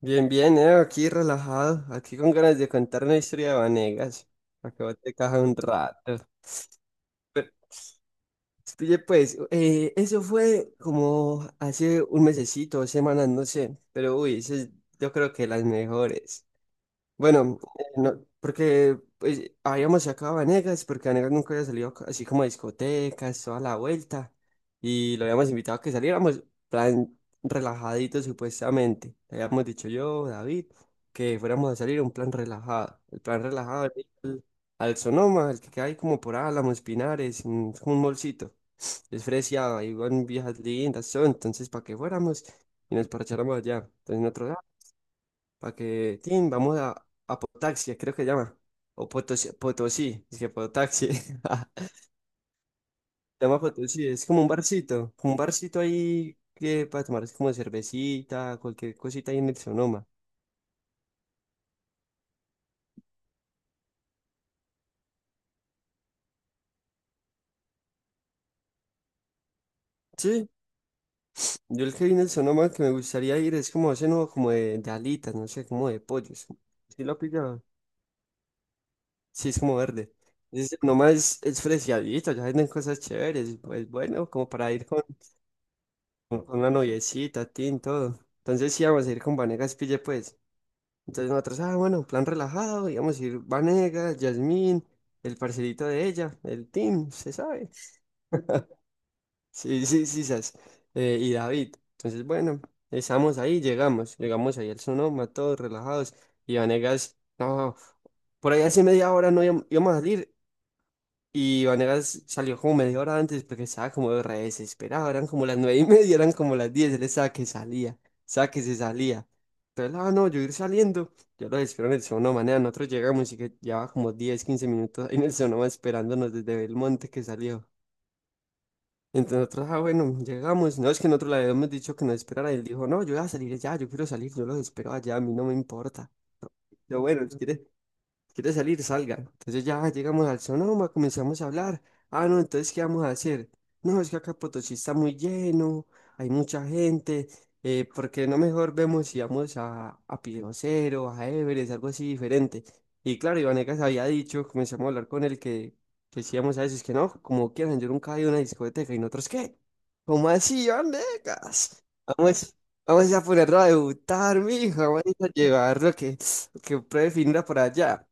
Bien, bien, aquí relajado, aquí con ganas de contar una historia de Vanegas, para que vos te cajas un rato. Pero, oye, pues, eso fue como hace un mesecito, dos semanas, no sé, pero uy, eso es, yo creo que las mejores. Bueno, no, porque pues, habíamos sacado a Vanegas, porque Vanegas nunca había salido así como a discotecas, toda la vuelta, y lo habíamos invitado a que saliéramos, plan relajadito supuestamente. Le habíamos dicho yo, David, que fuéramos a salir un plan relajado. El plan relajado es ir al Sonoma, el que queda ahí como por Álamos, Pinares, es como un molcito. Es fresiado, ahí van viejas lindas, son, entonces para que fuéramos y nos parcháramos allá. Entonces nosotros, para que, tin, vamos a Potaxi, creo que llama. O Potosí, Potosí, es que Potaxi. Llama Potosí, es como un barcito ahí que para tomar es como cervecita, cualquier cosita ahí en el Sonoma. Sí, yo el que vi en el Sonoma que me gustaría ir es como ese nuevo, como de alitas, no sé, como de pollos. Sí, lo pillaba. Sí, es como verde. Es, nomás es fresiadito, ya venden cosas chéveres, pues bueno, como para ir con una noviecita, tin, todo. Entonces sí vamos a ir con Vanegas Pille, pues. Entonces nosotros, ah, bueno, plan relajado, íbamos a ir Vanegas, Yasmín, el parcerito de ella, el Tim, se sabe. Sí, sí, sí, sas. Y David. Entonces, bueno, estamos ahí, llegamos, llegamos ahí al Sonoma, todos relajados. Y Vanegas, no, por ahí hace media hora no íbamos a salir y Vanegas salió como media hora antes porque estaba como re desesperado. Eran como las nueve y media, eran como las diez. Él estaba que salía, estaba que se salía. Entonces, ah, no, yo ir saliendo. Yo lo espero en el Sonoma. Manea, nosotros llegamos y que llevaba como 10 15 minutos ahí en el Sonoma esperándonos desde Belmonte que salió. Entonces nosotros, ah, bueno, llegamos. No, es que nosotros le habíamos dicho que nos esperara. Él dijo, no, yo voy a salir ya, yo quiero salir, yo los espero allá, a mí no me importa. Yo, bueno, si quieres, quiere salir, salga. Entonces ya llegamos al Sonoma, comenzamos a hablar. Ah, no, entonces, ¿qué vamos a hacer? No, es que acá Potosí está muy lleno, hay mucha gente. ¿Por qué no mejor vemos si vamos a Cero, a Everest, algo así diferente? Y claro, Ivanegas había dicho, comenzamos a hablar con él que sí íbamos a eso, es que no, como quieran, yo nunca he ido a una discoteca y nosotros, ¿qué? ¿Cómo así, Ivanegas? Vamos, vamos a ponerlo a debutar, mijo, vamos a llevarlo que pruebe finra por allá.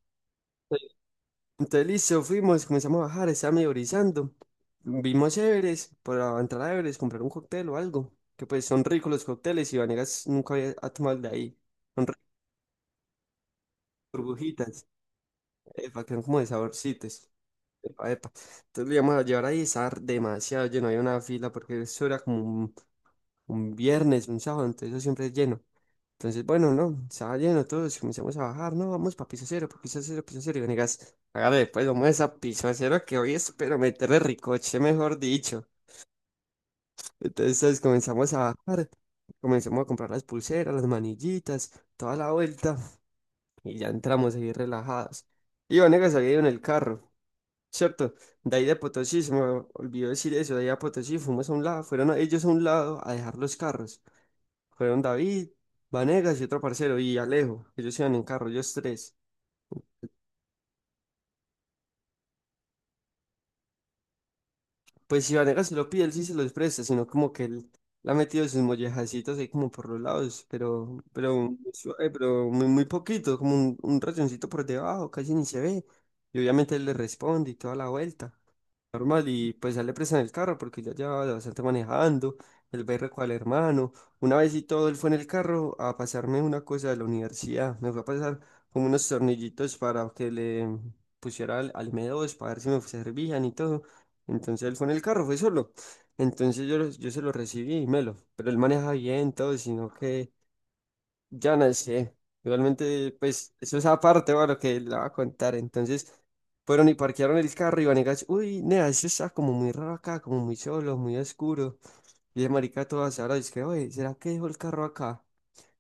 Entonces, listo, fuimos, comenzamos a bajar, estaba medio brisando. Vimos Everest, para entrar a Everest, comprar un cóctel o algo, que pues son ricos los cócteles y Vanegas nunca había ha tomado el de ahí. Son ricas burbujitas, epa, que son como de saborcitos. Epa, epa. Entonces lo íbamos a llevar ahí, estaba demasiado lleno, había una fila porque eso era como un viernes, un sábado, entonces eso siempre es lleno. Entonces, bueno, no, estaba lleno todos, comenzamos a bajar, no, vamos para piso cero, y Venegas, hágale, pues vamos a esa piso cero que hoy espero meterle ricoche, mejor dicho. Entonces comenzamos a bajar, comenzamos a comprar las pulseras, las manillitas, toda la vuelta, y ya entramos ahí relajados. Y Venegas había ido en el carro, ¿cierto? De ahí de Potosí, se me olvidó decir eso, de ahí a Potosí fuimos a un lado, fueron ellos a un lado a dejar los carros. Fueron David, Vanegas y otro parcero, y Alejo, ellos iban en carro, ellos tres. Pues si Vanegas se lo pide, él sí se los presta, sino como que él la ha metido sus mollejacitos ahí como por los lados, pero, muy suave, pero muy, muy poquito, como un rayoncito por debajo, casi ni se ve. Y obviamente él le responde y toda la vuelta. Normal y pues ya le prestan el carro porque ya llevaba bastante manejando, el berre con el hermano. Una vez y todo, él fue en el carro a pasarme una cosa de la universidad, me fue a pasar como unos tornillitos para que le pusiera al M2 para ver si me servían y todo. Entonces él fue en el carro, fue solo. Entonces yo, yo se lo recibí y me lo, pero él maneja bien todo, sino que ya no sé, igualmente pues eso es aparte, va, lo que le va a contar. Entonces, fueron y parquearon el carro y Vanegas, uy, nea, eso está como muy raro acá, como muy solo, muy oscuro. Y el marica todo ahora es que, oye, ¿será que dejó el carro acá?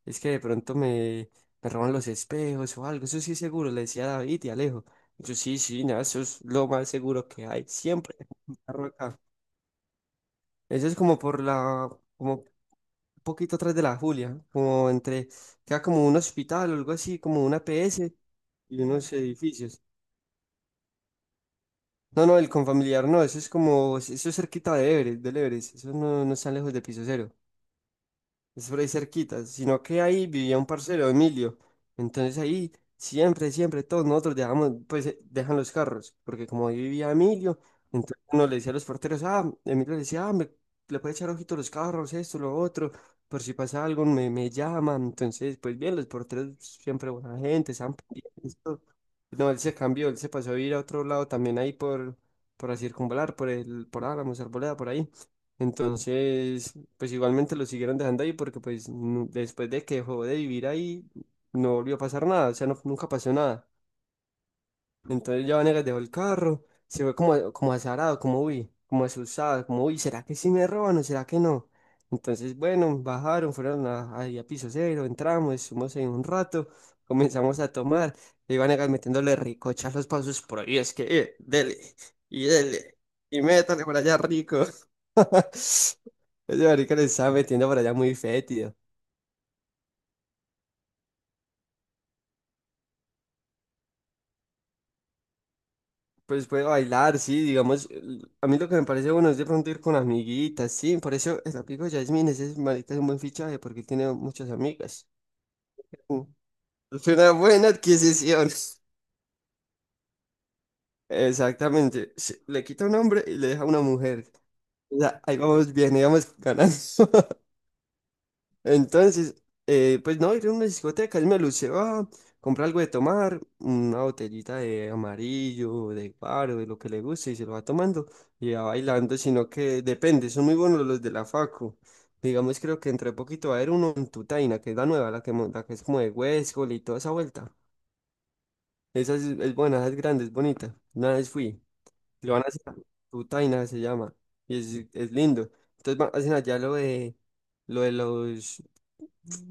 Es que de pronto me roban los espejos o algo, eso sí es seguro, le decía a David y Alejo. Y yo sí, sí, nada, eso es lo más seguro que hay, siempre hay un carro acá. Eso es como por como un poquito atrás de la Julia, como entre, queda como un hospital o algo así, como una PS y unos edificios. No, no, el confamiliar no, eso es como, eso es cerquita de Everest, del Everest, eso no, no está lejos de piso cero. Es por ahí cerquita, sino que ahí vivía un parcero, Emilio. Entonces ahí siempre todos nosotros dejamos, pues dejan los carros, porque como ahí vivía Emilio, entonces uno le decía a los porteros, ah, Emilio le decía, ah, me, le puede echar ojito a los carros, esto, lo otro, por si pasa algo me llaman. Entonces, pues bien, los porteros siempre buena gente, están pendientes, todo. No, él se cambió, él se pasó a vivir a otro lado también ahí por la circunvalar, por el, por Álamos, Arboleda, por ahí. Entonces, pues igualmente lo siguieron dejando ahí porque pues después de que dejó de vivir ahí, no volvió a pasar nada, o sea, nunca pasó nada. Entonces ya Vanegas dejó el carro, se fue como, como azarado, como uy, como asustado, como uy, ¿será que sí me roban o será que no? Entonces, bueno, bajaron, fueron a, ahí a piso cero, entramos, estuvimos ahí un rato, comenzamos a tomar, y Vanegas metiéndole ricochas los pasos por ahí, es que, dele, y dele, y métale por allá rico. Ese marica le estaba metiendo por allá muy fétido. Pues puede bailar, sí, digamos, a mí lo que me parece bueno es de pronto ir con amiguitas, sí, por eso el amigo Yasmin, ese marica es un buen fichaje porque tiene muchas amigas. Mm, es una buena adquisición. Exactamente, le quita un hombre y le deja una mujer. O sea, ahí vamos bien, ahí vamos ganando. Entonces, pues no, ir a una discoteca, él me lució, ah, compra algo de tomar, una botellita de amarillo, de guaro, de lo que le guste, y se lo va tomando y va bailando, sino que depende, son muy buenos los de la Facu. Digamos, creo que entre poquito va a haber uno en Tutaina, que es la nueva, la que es como de Huescol y toda esa vuelta. Esa es buena, esa es grande, es bonita. Una vez fui, lo van a hacer, Tutaina se llama, y es lindo. Entonces hacen allá lo de los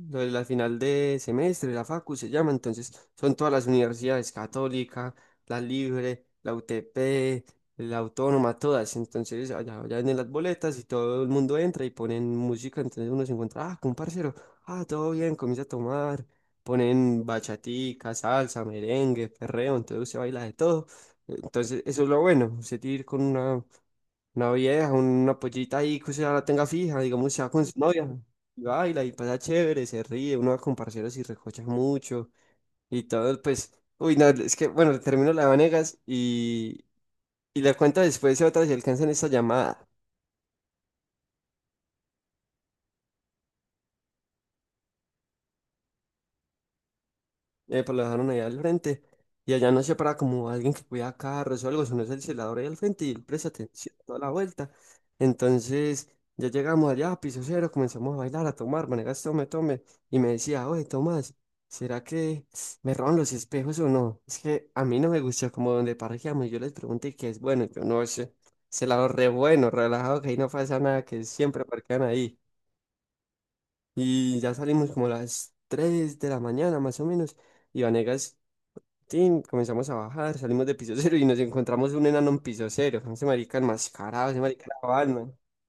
lo de la final de semestre, la Facu se llama, entonces son todas las universidades, Católica, la Libre, la UTP, la Autónoma, todas. Entonces allá, allá vienen las boletas y todo el mundo entra y ponen música, entonces uno se encuentra, ah, con un parcero, ah, todo bien, comienza a tomar, ponen bachatica, salsa, merengue, perreo, entonces se baila de todo. Entonces eso es lo bueno, se tiene que ir con una vieja, una pollita ahí que usted ya la tenga fija, digamos, sea con su novia. Y baila y pasa chévere, se ríe, uno va con parceros y recocha mucho. Y todo, pues, uy, no, es que, bueno, termino la de Vanegas y la cuento después si otra si alcanzan esta llamada. Pues lo dejaron allá al frente. Y allá no se para como alguien que cuida carros o algo, si no es el celador ahí al frente y él presta atención toda la vuelta. Entonces ya llegamos allá a piso cero, comenzamos a bailar, a tomar, maneras tome, tome. Y me decía, oye, Tomás, ¿será que me roban los espejos o no? Es que a mí no me gusta como donde parqueamos. Yo les pregunté qué es bueno, yo no sé. Celador re bueno, relajado, que ahí no pasa nada, que siempre parquean ahí. Y ya salimos como a las 3 de la mañana más o menos. Y Vanegas Tin, comenzamos a bajar, salimos de piso cero y nos encontramos un enano en piso cero. Ese marica enmascarado, ese marica era Batman.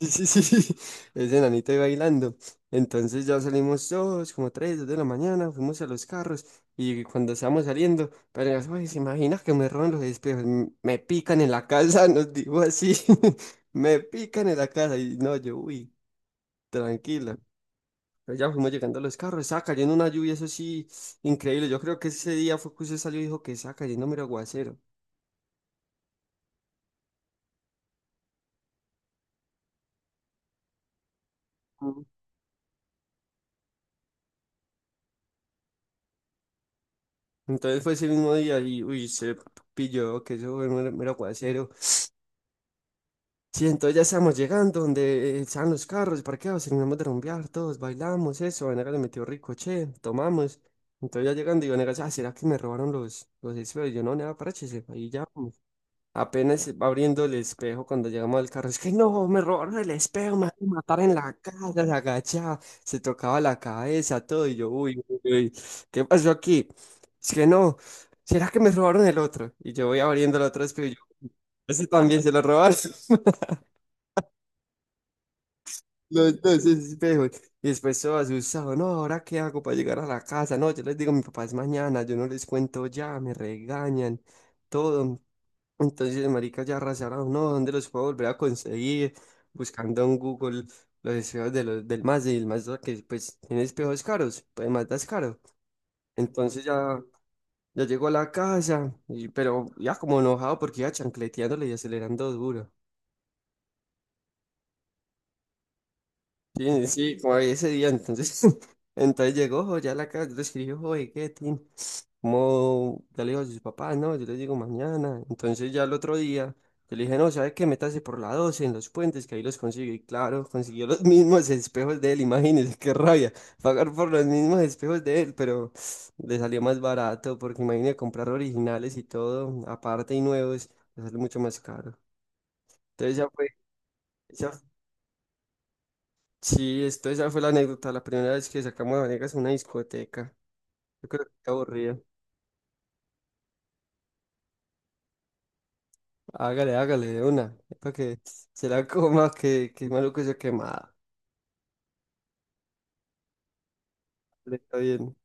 Sí, sí, sí, sí, ese enanito ahí bailando. Entonces ya salimos todos, como tres, dos de la mañana, fuimos a los carros y cuando estábamos saliendo, pero "Ay, se imagina que me roban los espejos, me pican en la casa, nos dijo así, me pican en la casa y no, yo, uy, tranquila. Pero ya fuimos llegando a los carros, estaba cayendo una lluvia, eso sí, increíble. Yo creo que ese día fue que usted salió y dijo que estaba cayendo mero aguacero. Mm. Entonces fue ese mismo día y uy, se pilló que eso fue mero, mero aguacero. Sí, entonces ya estábamos llegando donde estaban los carros parqueados, terminamos de rumbear todos, bailamos, eso. Vanega le metió rico, che, tomamos. Entonces ya llegando y Vanega, ah, ¿será que me robaron los espejuelos? Yo no, nada, parche, ahí ya. Apenas abriendo el espejo cuando llegamos al carro, es que no, me robaron el espejo, me van a matar en la casa, la gacha, se tocaba la cabeza, todo, y yo, uy, uy, uy, ¿qué pasó aquí? Es que no, ¿será que me robaron el otro? Y yo voy abriendo el otro espejo, y yo, ese también se lo robaron, los dos espejos, y después todo asustado, no, ¿ahora qué hago para llegar a la casa? No, yo les digo, mi papá es mañana, yo no les cuento ya, me regañan, todo. Entonces, marica, ya arrasaron, no, ¿dónde los puedo volver a conseguir? Buscando en Google los espejos de del Mazda y el Mazda que pues tiene espejos caros, pues Mazda es caro. Entonces ya, ya llegó a la casa, y, pero ya como enojado porque iba chancleteándole y acelerando duro. Sí, sí, como ese día, entonces, entonces llegó jo, ya a la casa, yo le escribí, oye, ¿qué, tin? Como, ya le digo a sus papás, no, yo les digo mañana, entonces ya el otro día, yo le dije, no, ¿sabes qué? Métase por la 12 en los puentes, que ahí los consigue, y claro, consiguió los mismos espejos de él, imagínense, qué rabia, pagar por los mismos espejos de él, pero le salió más barato, porque imagínate comprar originales y todo, aparte y nuevos, le sale mucho más caro, entonces ya fue. Sí, esto, esa fue la anécdota, la primera vez que sacamos a Vanegas a una discoteca. Yo creo que está aburrido. Hágale, hágale, de una. Para que se la coma, que es malo que se quemada. Está bien.